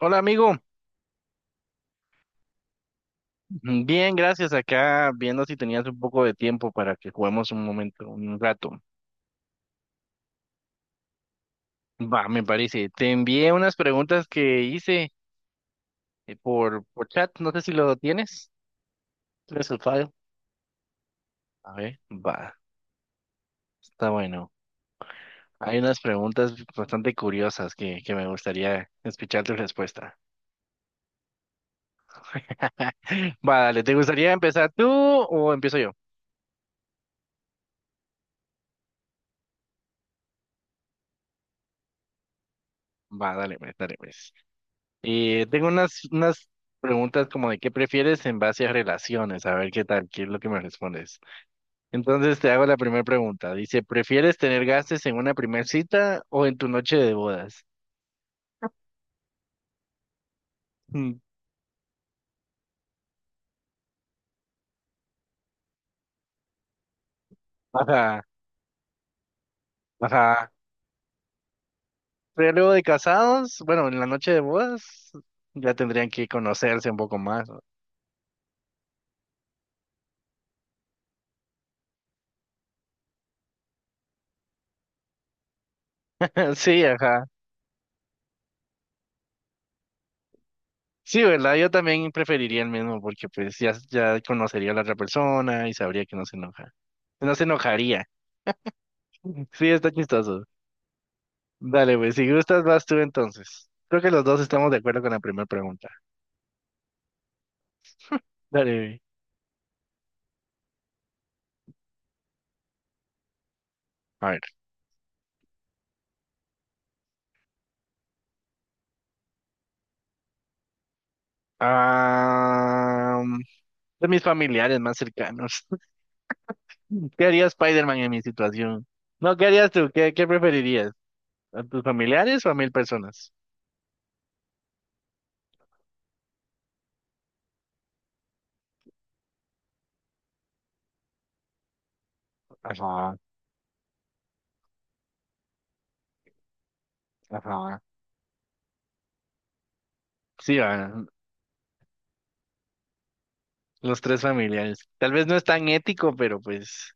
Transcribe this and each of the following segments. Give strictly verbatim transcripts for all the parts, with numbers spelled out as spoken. Hola amigo, bien, gracias. Acá viendo si tenías un poco de tiempo para que juguemos un momento, un rato. Va, me parece. Te envié unas preguntas que hice eh, por, por chat, no sé si lo tienes. ¿Tienes el file? A ver, va, está bueno. Hay unas preguntas bastante curiosas que, que me gustaría escuchar tu respuesta. Va, dale, ¿te gustaría empezar tú o empiezo yo? Va, dale, pues, dale, pues. Y tengo unas, unas preguntas como de qué prefieres en base a relaciones, a ver qué tal, qué es lo que me respondes. Entonces te hago la primera pregunta. Dice, ¿prefieres tener gases en una primera cita o en tu noche de bodas? Mm. Ajá, ajá. Pero luego de casados, bueno, en la noche de bodas ya tendrían que conocerse un poco más. ¿no? Sí, ajá. Sí, ¿verdad? Yo también preferiría el mismo porque pues ya, ya conocería a la otra persona y sabría que no se enoja. No se enojaría. Sí, está chistoso. Dale, güey, si gustas, vas tú entonces. Creo que los dos estamos de acuerdo con la primera pregunta. Dale, güey. A ver. Ah, de mis familiares más cercanos. ¿Qué haría Spider-Man en mi situación? No, ¿qué harías tú? ¿Qué, qué preferirías? ¿A tus familiares o a mil personas? Ajá, ajá. Sí, a los tres familiares. Tal vez no es tan ético, pero pues,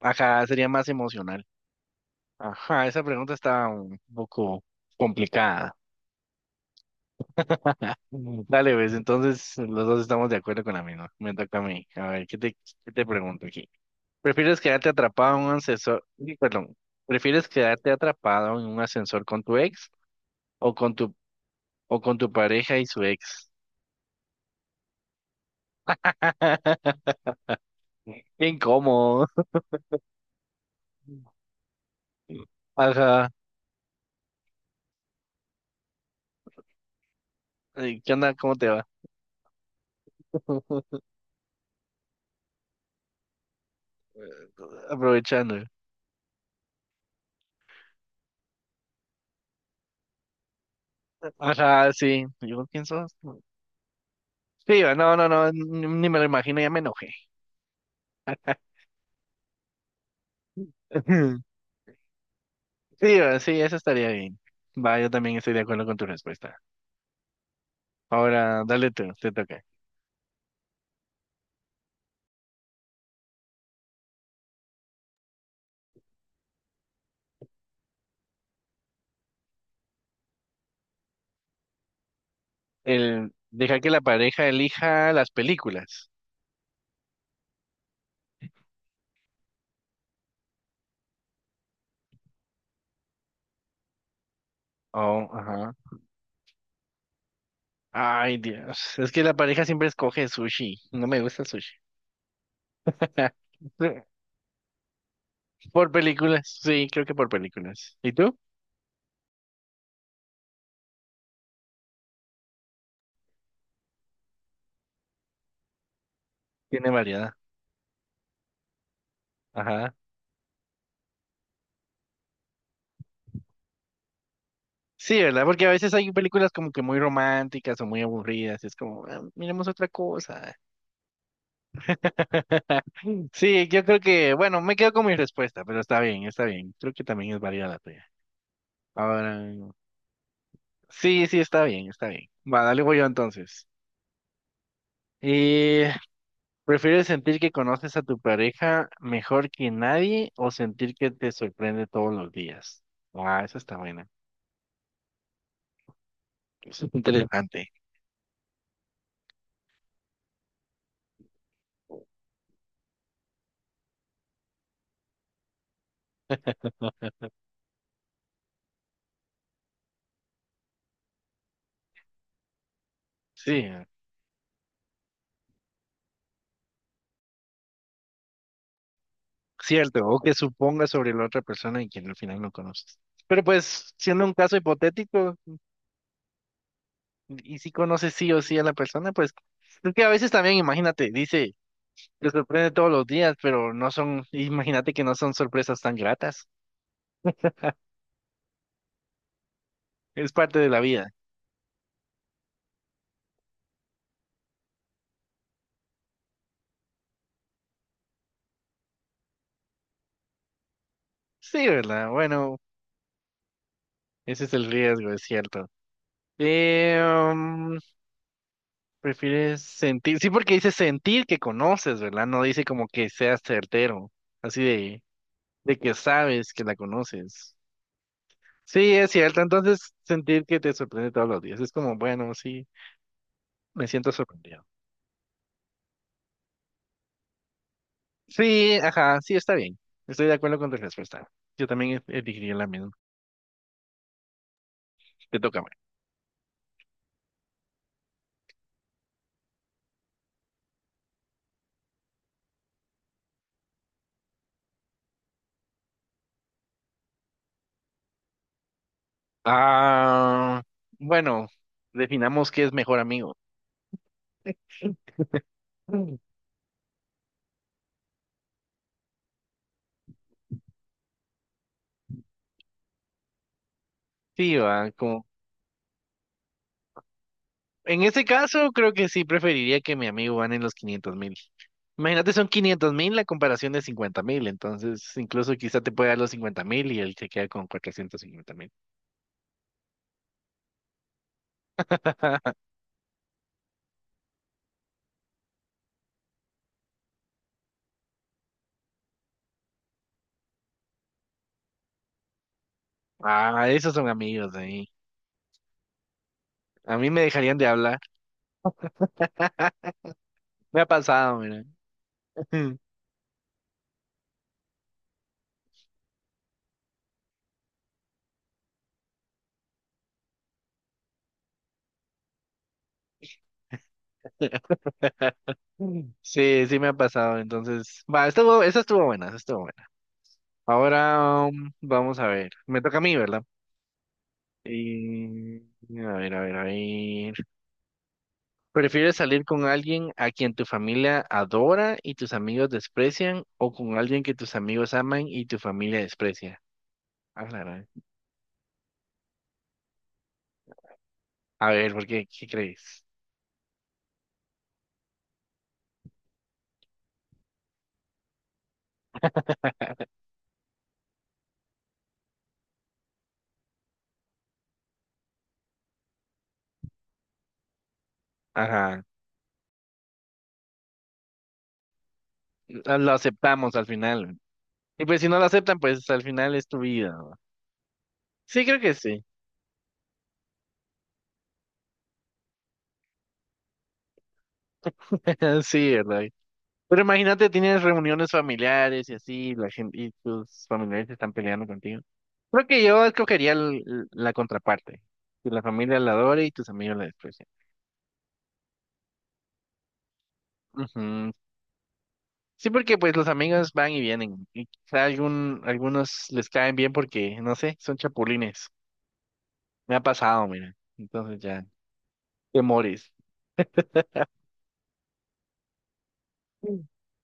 ajá, sería más emocional. Ajá, esa pregunta está un poco complicada. Dale, ves, entonces los dos estamos de acuerdo con la misma. Me toca a mí. A ver, ¿qué te, qué te pregunto aquí? ¿Prefieres quedarte atrapado en un ascensor? Uy, perdón. ¿Prefieres quedarte atrapado en un ascensor con tu ex o con tu o con tu pareja y su ex? Qué incómodo. Ajá. Ay, ¿qué onda? ¿Cómo te va? Aprovechando. Ajá, sí. ¿Yo quién sos? Sí, no, no, no, ni ni me lo imagino, ya me enojé. Sí, va, sí, eso estaría bien. Va, yo también estoy de acuerdo con tu respuesta. Ahora, dale tú, te toca. El, deja que la pareja elija las películas. Oh, ajá. Ay, Dios. Es que la pareja siempre escoge sushi. No me gusta el sushi. Por películas, sí, creo que por películas. ¿Y tú? Tiene variedad. Ajá. Sí, ¿verdad? Porque a veces hay películas como que muy románticas o muy aburridas. y es como, "Ah, miremos otra cosa." Sí, yo creo que, bueno, me quedo con mi respuesta, pero está bien, está bien. Creo que también es válida la tuya. Ahora, sí, sí, está bien, está bien. Va, dale, voy yo entonces. Eh, ¿prefieres sentir que conoces a tu pareja mejor que nadie o sentir que te sorprende todos los días? Ah, esa está buena. Interesante. Sí, cierto, o que supongas sobre la otra persona y que al final no conoces. Pero pues, siendo un caso hipotético, Y si conoces sí o sí a la persona, pues es que a veces también, imagínate, dice, te sorprende todos los días, pero no son, imagínate que no son sorpresas tan gratas. Es parte de la vida. Sí, ¿verdad? Bueno, ese es el riesgo, es cierto. Eh, mm, prefieres sentir, sí, porque dice sentir que conoces, ¿verdad? No dice como que seas certero, así de, de que sabes que la conoces. Sí, es cierto. Entonces, sentir que te sorprende todos los días es como, bueno, sí, me siento sorprendido. Sí, ajá, sí, está bien. Estoy de acuerdo con tu respuesta. Yo también e- elegiría la misma. Te toca. Mike. Ah, bueno, definamos qué es mejor amigo. Mm. Sí, va, como... En ese caso, creo que sí preferiría que mi amigo gane los quinientos mil. Imagínate, son quinientos mil la comparación de cincuenta mil. Entonces, incluso quizá te puede dar los cincuenta mil y él se queda con cuatrocientos cincuenta mil. Ah, esos son amigos ahí. A mí me dejarían de hablar. Me ha pasado, mira. Mm. Sí, sí me ha pasado. Entonces, va, estuvo, esa estuvo buena, esa estuvo buena. Ahora um, vamos a ver. Me toca a mí, ¿verdad? Y, a ver, a ver, a ver. ¿Prefieres salir con alguien a quien tu familia adora y tus amigos desprecian o con alguien que tus amigos aman y tu familia desprecia? Ah, la gran. A ver, ¿por qué? ¿Qué crees? Ajá. Lo lo aceptamos al final. Y pues si no lo aceptan, pues al final es tu vida. ¿no? Sí, creo que sí. Sí, ¿verdad? Pero imagínate, tienes reuniones familiares y así, la gente, y tus familiares están peleando contigo. Creo que yo escogería el- el- la contraparte, que la familia la adore y tus amigos la desprecian. Ujú. Sí, porque pues los amigos van y vienen, y quizá algún, algunos les caen bien porque, no sé, son chapulines. Me ha pasado, mira. Entonces ya, te morís.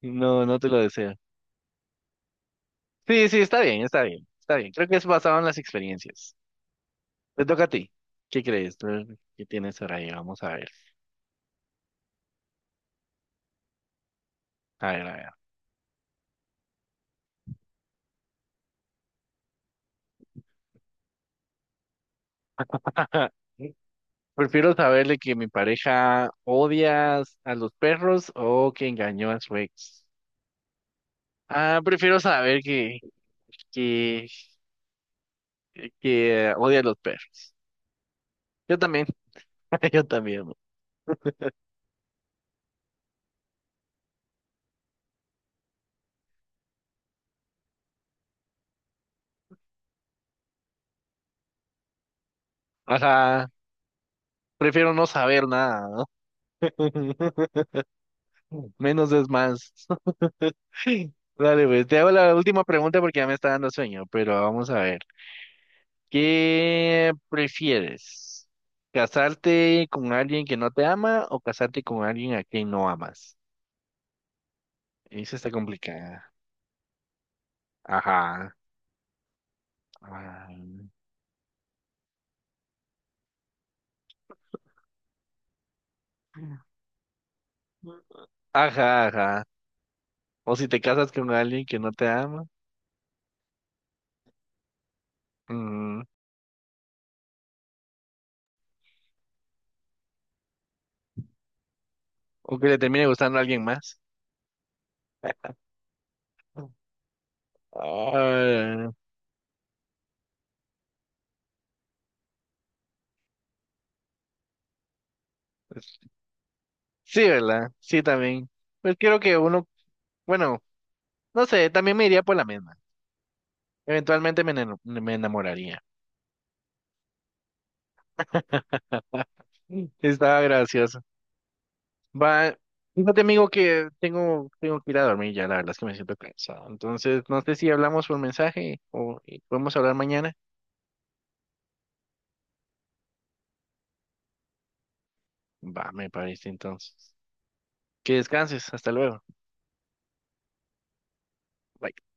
No, no te lo deseo. Sí, sí, está bien, está bien, está bien. Creo que es basado en las experiencias. Te toca a ti. ¿Qué crees? A ver, ¿Qué tienes por ahí? Vamos a ver. A ver, a ver. Prefiero saberle que mi pareja odia a los perros o que engañó a su ex. Ah, prefiero saber que, que, que odia a los perros. Yo también, yo también. O sea, prefiero no saber nada, ¿no? Menos es más. Dale, pues, te hago la última pregunta porque ya me está dando sueño, pero vamos a ver. ¿Qué prefieres? ¿Casarte con alguien que no te ama o casarte con alguien a quien no amas? Eso está complicada. Ajá. Ay. Ajá, ajá. O si te casas con alguien que no te ama. mm, O que le termine gustando a alguien más. Ah, sí, ¿verdad? Sí, también. Pues creo que uno, bueno, no sé, también me iría por la misma. Eventualmente me, eno- me enamoraría. Estaba gracioso. Va, fíjate amigo que tengo, tengo que ir a dormir ya, la verdad es que me siento cansado. Entonces, no sé si hablamos por mensaje o y podemos hablar mañana. Va, me parece entonces. Que descanses, hasta luego. Bye.